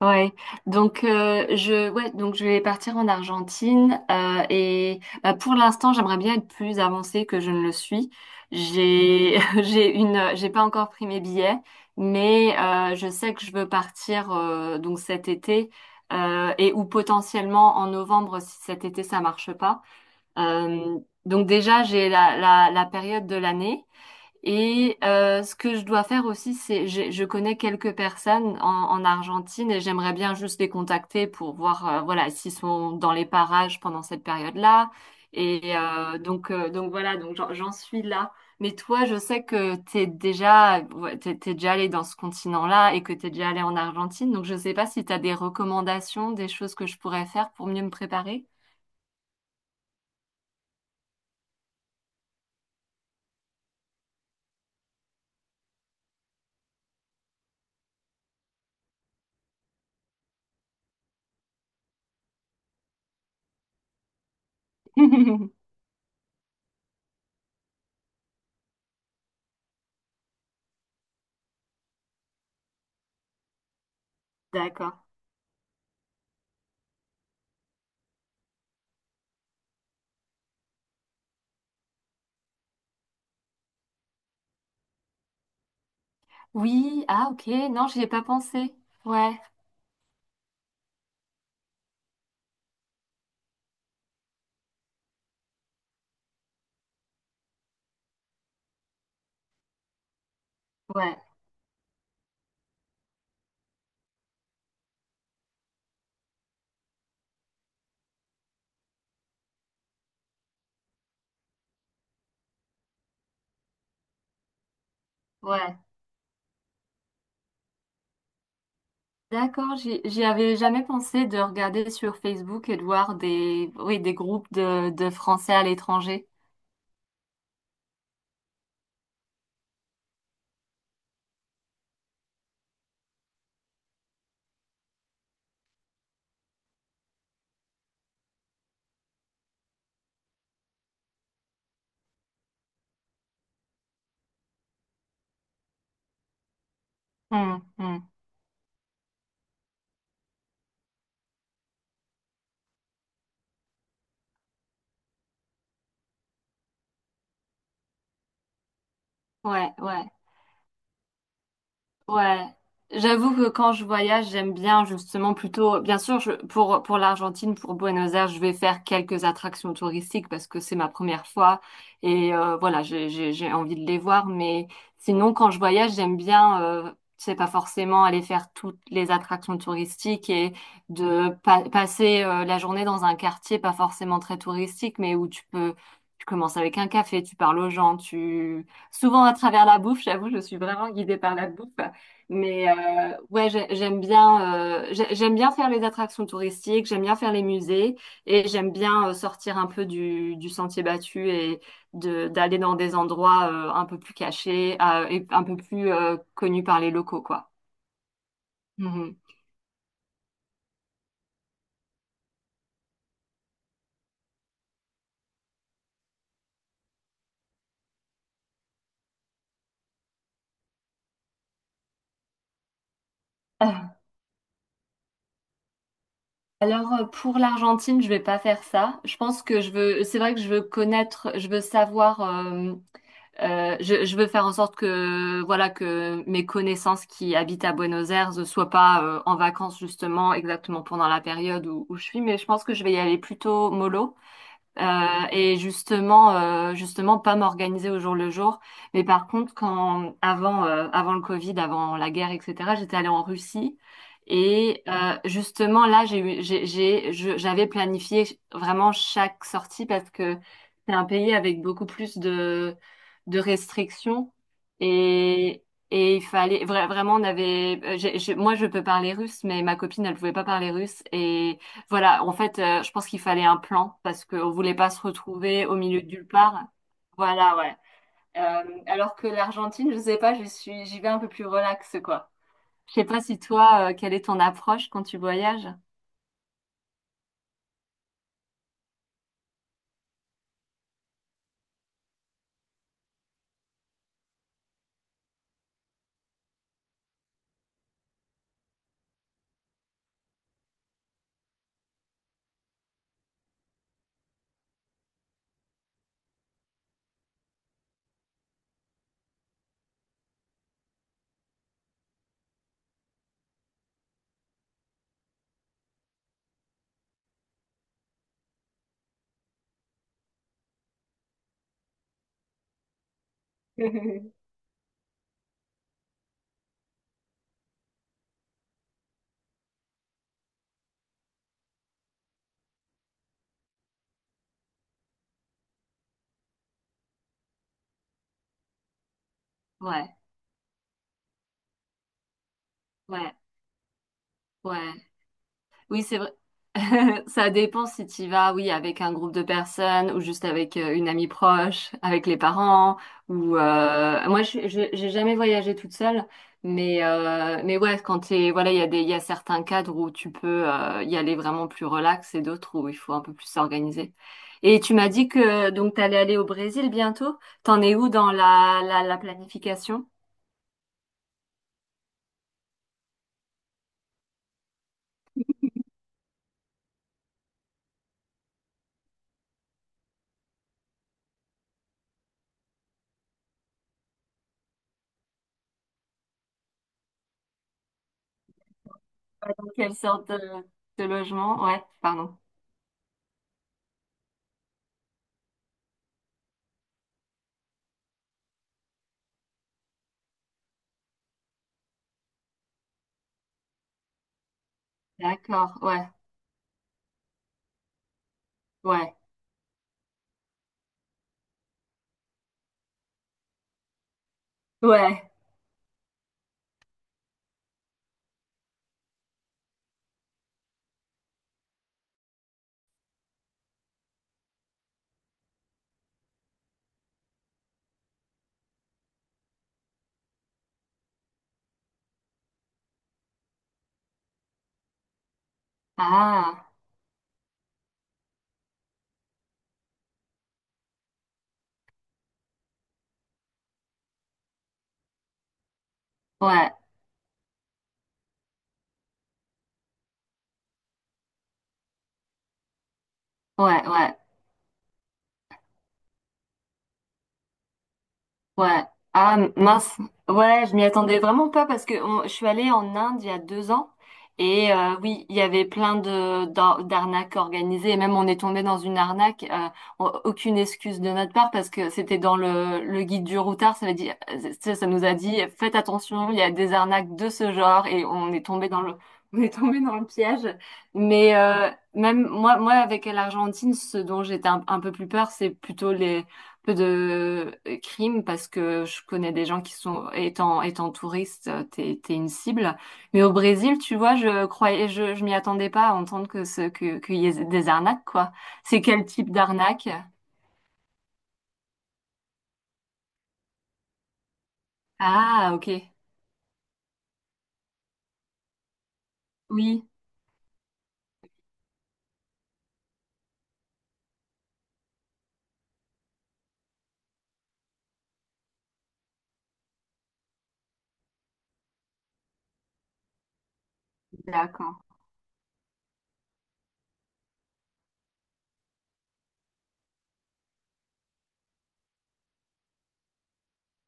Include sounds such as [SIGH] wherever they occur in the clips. Ouais, je je vais partir en Argentine, et bah, pour l'instant j'aimerais bien être plus avancée que je ne le suis. J'ai [LAUGHS] j'ai une j'ai pas encore pris mes billets, mais je sais que je veux partir, donc cet été et ou potentiellement en novembre si cet été ça marche pas. Euh, donc déjà j'ai la période de l'année. Et ce que je dois faire aussi, c'est je connais quelques personnes en Argentine et j'aimerais bien juste les contacter pour voir, voilà, s'ils sont dans les parages pendant cette période-là. Et donc voilà, donc j'en suis là. Mais toi, je sais que t'es déjà, ouais, t'es déjà allé dans ce continent-là et que t'es déjà allé en Argentine. Donc je sais pas si t'as des recommandations, des choses que je pourrais faire pour mieux me préparer. [LAUGHS] D'accord. Oui, ah ok, non, j'y ai pas pensé. Ouais, ouais, ouais. D'accord, j'y avais jamais pensé de regarder sur Facebook et de voir des, oui, des groupes de Français à l'étranger. Hmm, hmm. Ouais, ouais. Ouais, j'avoue que quand je voyage, j'aime bien justement plutôt, bien sûr, je, pour l'Argentine, pour Buenos Aires, je vais faire quelques attractions touristiques parce que c'est ma première fois et voilà, j'ai envie de les voir. Mais sinon, quand je voyage, j'aime bien, c'est pas forcément aller faire toutes les attractions touristiques et de passer, la journée dans un quartier pas forcément très touristique, mais où tu peux, tu commences avec un café, tu parles aux gens, tu souvent à travers la bouffe. J'avoue, je suis vraiment guidée par la bouffe. Mais ouais, j'aime bien, j'aime bien faire les attractions touristiques, j'aime bien faire les musées et j'aime bien, sortir un peu du sentier battu et de d'aller dans des endroits, un peu plus cachés, et un peu plus, connus par les locaux, quoi. Mhm. Euh, [LAUGHS] Alors, pour l'Argentine, je vais pas faire ça. Je pense que je veux, c'est vrai que je veux connaître, je veux savoir. Je veux faire en sorte que voilà que mes connaissances qui habitent à Buenos Aires ne soient pas, en vacances justement exactement pendant la période où, où je suis, mais je pense que je vais y aller plutôt mollo. Euh, et justement, justement, pas m'organiser au jour le jour. Mais par contre, quand avant, avant le Covid, avant la guerre, etc., j'étais allée en Russie. Et justement, là, j'ai, eu- j'ai- je- j'avais planifié vraiment chaque sortie parce que c'est un pays avec beaucoup plus de restrictions. Et, et il fallait vraiment, on avait, moi, je peux parler russe, mais ma copine, elle pouvait pas parler russe. Voilà, en fait, je pense qu'il fallait un plan parce qu'on voulait pas se retrouver au milieu de nulle part. Voilà, ouais. Alors que l'Argentine, je sais pas, je suis, j'y vais un peu plus relax, quoi. Je sais pas si toi, quelle est ton approche quand tu voyages? [LAUGHS] Ouais, ouais, ouais. Oui, c'est vrai. [LAUGHS] Ça dépend si tu vas, oui, avec un groupe de personnes ou juste avec, une amie proche, avec les parents ou, moi j'ai jamais voyagé toute seule, mais ouais, quand t'es voilà, il y a certains cadres où tu peux, y aller vraiment plus relax et d'autres où il faut un peu plus s'organiser. Et tu m'as dit que donc t'allais aller au Brésil bientôt. T'en es où dans la planification? Dans quelle sorte de logement? Ouais, pardon. D'accord, ouais, ouais, ouais. Ah. Ouais, ouais, ouais, ouais. Ah mince, ouais, je m'y attendais vraiment pas parce que je suis allée en Inde il y a 2 ans et oui, il y avait plein de d'arnaques organisées et même on est tombé dans une arnaque. Aucune excuse de notre part parce que c'était dans le guide du routard, ça veut dire, ça nous a dit faites attention, il y a des arnaques de ce genre et on est tombé dans le [LAUGHS] on est tombé dans le piège. Mais même moi avec l'Argentine, ce dont j'étais un peu plus peur, c'est plutôt les peu de, crimes parce que je connais des gens qui sont, étant, étant touriste, t'es une cible. Mais au Brésil, tu vois, je croyais, je m'y attendais pas à entendre que qu'il y ait des arnaques, quoi. C'est quel type d'arnaque? Ah, ok. Oui, d'accord.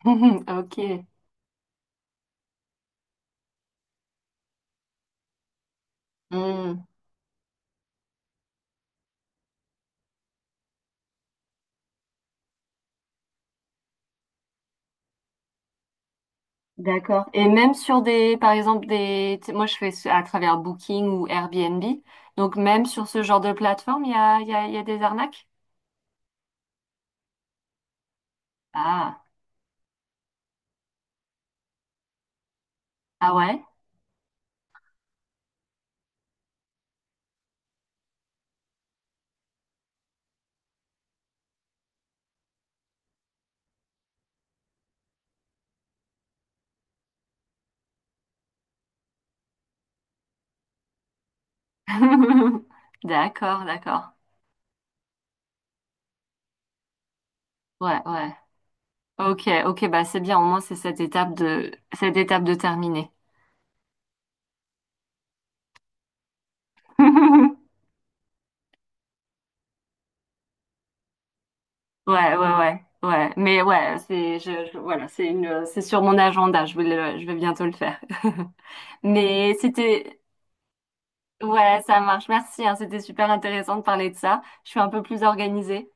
[LAUGHS] Ok. Hmm, d'accord. Et même sur des, par exemple, des, tu sais, moi je fais à travers Booking ou Airbnb. Donc même sur ce genre de plateforme, il y a des arnaques? Ah, ah ouais? [LAUGHS] D'accord, d'accord. Ouais, ouais. Ok, ok, bah c'est bien, au moins c'est cette étape de terminée. [LAUGHS] Ouais, ouais, ouais, ouais. Mais ouais, voilà, c'est une c'est sur mon agenda, je vais bientôt le faire. [LAUGHS] Mais c'était ouais, ça marche, merci, hein, c'était super intéressant de parler de ça. Je suis un peu plus organisée.